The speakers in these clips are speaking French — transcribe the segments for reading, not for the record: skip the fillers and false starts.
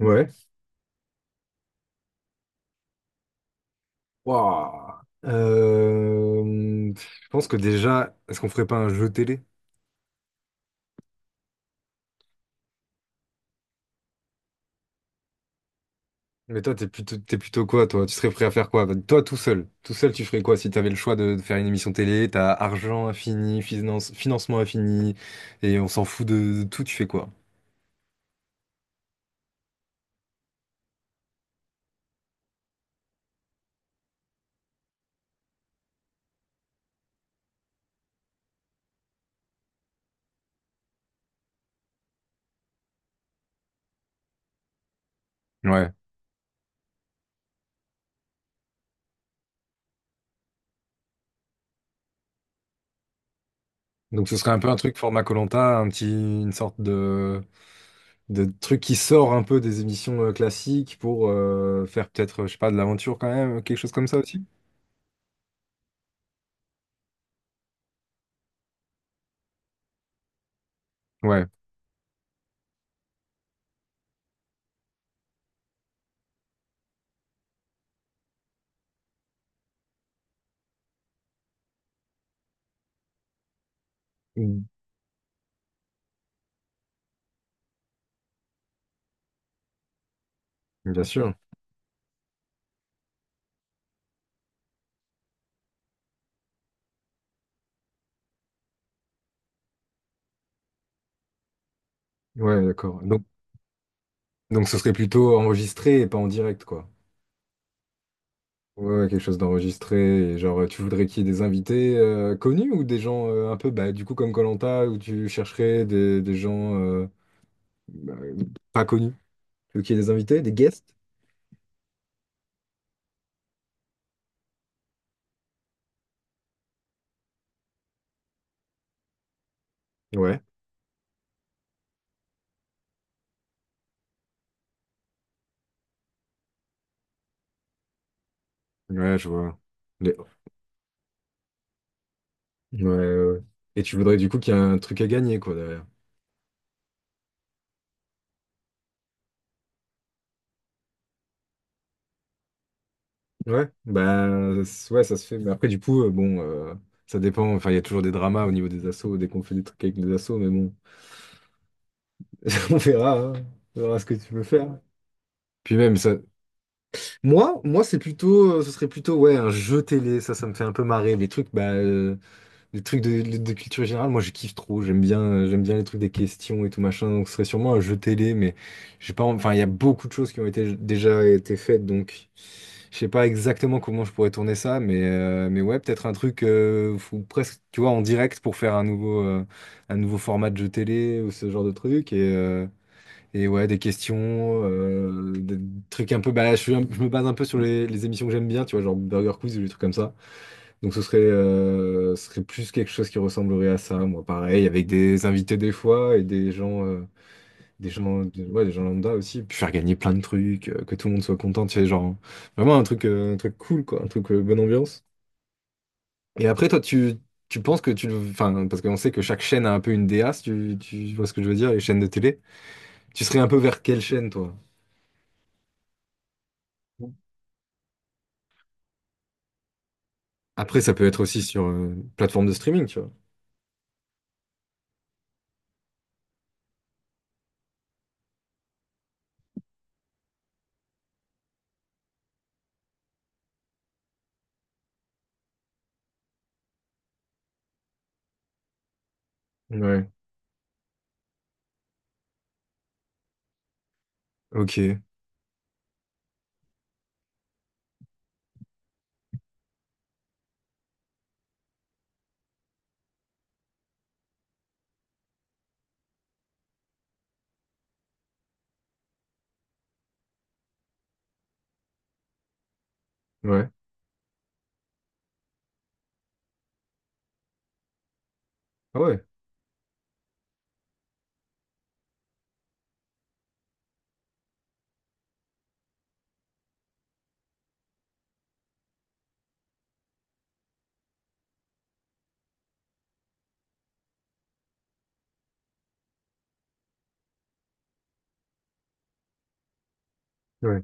Ouais. Waouh. Je pense que déjà, est-ce qu'on ferait pas un jeu télé? Mais toi, t'es plutôt quoi, toi? Tu serais prêt à faire quoi? Bah, toi, tout seul. Tout seul, tu ferais quoi si t'avais le choix de faire une émission télé? T'as argent infini, finance, financement infini, et on s'en fout de tout, tu fais quoi? Ouais. Donc ce serait un peu un truc format koh un petit, une sorte de truc qui sort un peu des émissions classiques pour faire peut-être, je sais pas, de l'aventure quand même, quelque chose comme ça aussi? Ouais. Mm. Bien sûr. Ouais, d'accord. Donc ce serait plutôt enregistré et pas en direct, quoi. Ouais, ouais, quelque chose d'enregistré. Et genre, tu voudrais qu'il y ait des invités connus ou des gens un peu, bah, du coup, comme koh où tu chercherais des gens bah, pas connus. Tu veux qu'il y ait des invités, des guests? Ouais. Ouais, je vois. Les- Ouais, ouais. Ouais. Et tu voudrais, du coup, qu'il y ait un truc à gagner, quoi, derrière. Ouais, bah, ouais, ça se fait. Mais après, du coup, bon, ça dépend. Enfin, il y a toujours des dramas au niveau des assos, dès qu'on fait des trucs avec des assos, mais bon. On verra, hein. On verra ce que tu veux faire. Puis même, ça, moi, c'est plutôt, ce serait plutôt, ouais, un jeu télé. Ça me fait un peu marrer. Les trucs, bah, les trucs de culture générale, moi, je kiffe trop. J'aime bien les trucs des questions et tout machin. Donc, ce serait sûrement un jeu télé, mais j'ai pas, enfin, il y a beaucoup de choses qui ont été déjà été faites, donc je sais pas exactement comment je pourrais tourner ça, mais ouais, peut-être un truc, faut presque, tu vois, en direct pour faire un nouveau format de jeu télé ou ce genre de truc. Et ouais, des questions, des trucs un peu. Bah là, suis je me base un peu sur les émissions que j'aime bien, tu vois, genre Burger Quiz ou des trucs comme ça. Donc ce serait plus quelque chose qui ressemblerait à ça, moi, pareil, avec des invités des fois et des gens, ouais, des gens lambda aussi. Puis faire gagner plein de trucs, que tout le monde soit content, tu sais, genre vraiment un truc cool, quoi, un truc bonne ambiance. Et après, toi, tu penses que tu, enfin, parce qu'on sait que chaque chaîne a un peu une DA, si tu, tu vois ce que je veux dire, les chaînes de télé. Tu serais un peu vers quelle chaîne, toi? Après, ça peut être aussi sur une plateforme de streaming, tu vois. Ouais. Ok. Ouais. Ah ouais. Ouais.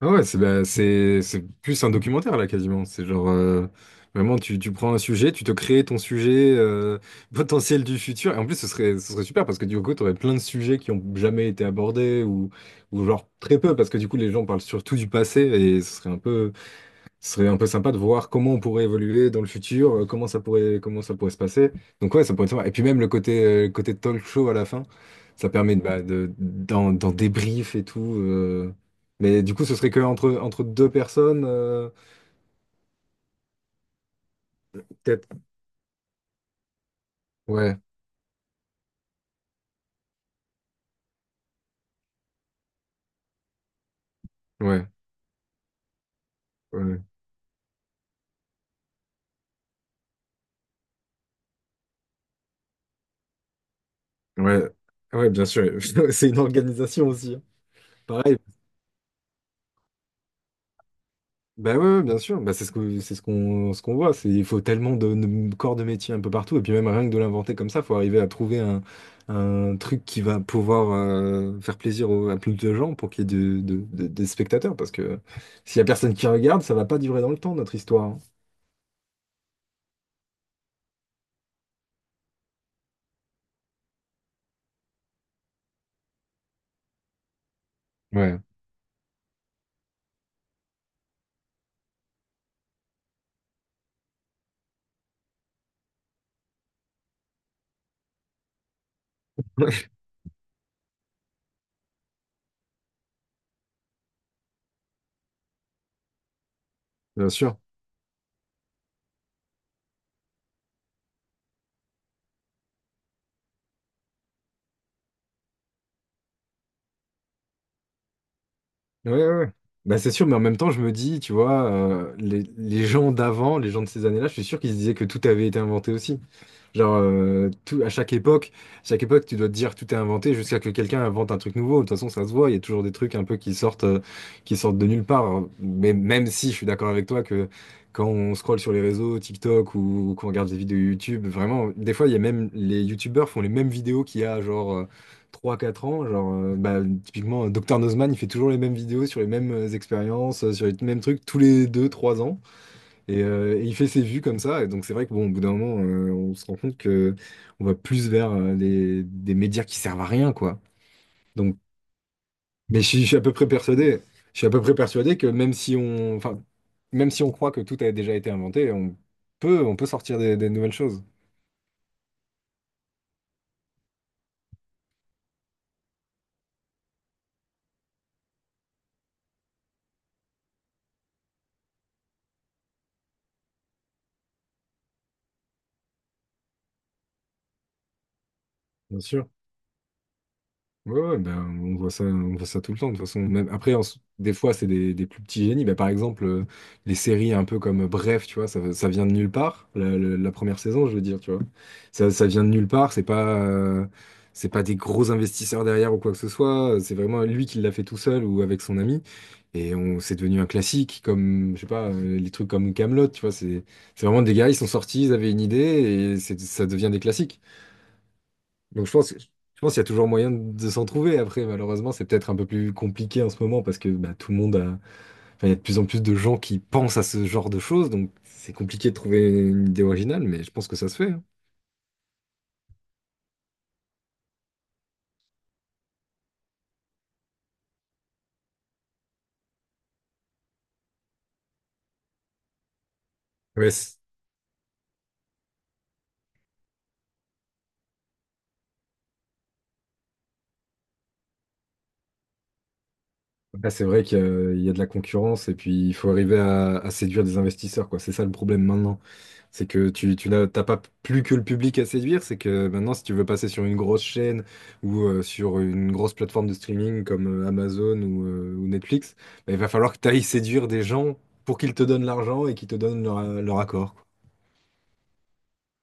Ah ouais, c'est bah, c'est plus un documentaire là quasiment. C'est genre vraiment tu, tu prends un sujet, tu te crées ton sujet potentiel du futur. Et en plus, ce serait super parce que du coup, tu aurais plein de sujets qui ont jamais été abordés ou genre très peu parce que du coup, les gens parlent surtout du passé et ce serait un peu ce serait un peu sympa de voir comment on pourrait évoluer dans le futur, comment ça pourrait se passer. Donc ouais, ça pourrait être sympa. Et puis même le côté talk show à la fin, ça permet de, bah, d'en, d'en débrief et tout. Mais du coup, ce serait que entre, entre deux personnes, peut-être. Ouais, ouais, ouais, ouais, ouais, bien sûr. C'est une organisation aussi, hein. Pareil, ben oui, oui, bien sûr. Ben, c'est ce que c'est ce qu'on voit. C'est il faut tellement de corps de métier un peu partout. Et puis même rien que de l'inventer comme ça, faut arriver à trouver un truc qui va pouvoir faire plaisir à plus de gens pour qu'il y ait de, des spectateurs. Parce que s'il y a personne qui regarde, ça va pas durer dans le temps notre histoire, hein. Ouais. Bien sûr. Ouais, ouais, ouais. Bah, c'est sûr, mais en même temps, je me dis, tu vois, les gens d'avant, les gens de ces années-là, je suis sûr qu'ils se disaient que tout avait été inventé aussi. Genre, tout, à chaque époque, tu dois te dire tout est inventé jusqu'à que quelqu'un invente un truc nouveau. De toute façon, ça se voit, il y a toujours des trucs un peu qui sortent de nulle part. Mais même si je suis d'accord avec toi que quand on scrolle sur les réseaux, TikTok ou qu'on regarde des vidéos YouTube, vraiment, des fois, il y a même les YouTubeurs font les mêmes vidéos qu'il y a, genre, trois quatre ans, genre, bah, typiquement, Dr Nozman, il fait toujours les mêmes vidéos sur les mêmes expériences, sur les mêmes trucs, tous les deux trois ans. Et il fait ses vues comme ça. Et donc, c'est vrai que, bon, au bout d'un moment, on se rend compte que on va plus vers des médias qui servent à rien, quoi. Donc, mais je suis à peu près persuadé, je suis à peu près persuadé que même si on, enfin, même si on croit que tout a déjà été inventé, on peut sortir des nouvelles choses. Bien sûr. Ouais, ouais, ben, on voit ça tout le temps. De toute façon, même après, des fois, c'est des plus petits génies. Ben, par exemple, les séries un peu comme Bref, tu vois, ça vient de nulle part. La, la première saison, je veux dire, tu vois, ça vient de nulle part. C'est pas des gros investisseurs derrière ou quoi que ce soit. C'est vraiment lui qui l'a fait tout seul ou avec son ami. Et on, c'est devenu un classique, comme, je sais pas, les trucs comme Camelot, tu vois. C'est vraiment des gars, ils sont sortis, ils avaient une idée et ça devient des classiques. Donc je pense qu'il y a toujours moyen de s'en trouver. Après, malheureusement, c'est peut-être un peu plus compliqué en ce moment parce que bah, tout le monde a... enfin, il y a de plus en plus de gens qui pensent à ce genre de choses, donc c'est compliqué de trouver une idée originale, mais je pense que ça se fait, hein. Ouais, c- bah, c'est vrai qu'il y a il y a de la concurrence et puis il faut arriver à séduire des investisseurs, quoi. C'est ça le problème maintenant. C'est que tu n'as t'as pas plus que le public à séduire, c'est que maintenant, si tu veux passer sur une grosse chaîne ou sur une grosse plateforme de streaming comme Amazon ou Netflix, bah, il va falloir que tu ailles séduire des gens pour qu'ils te donnent l'argent et qu'ils te donnent leur, leur accord, quoi.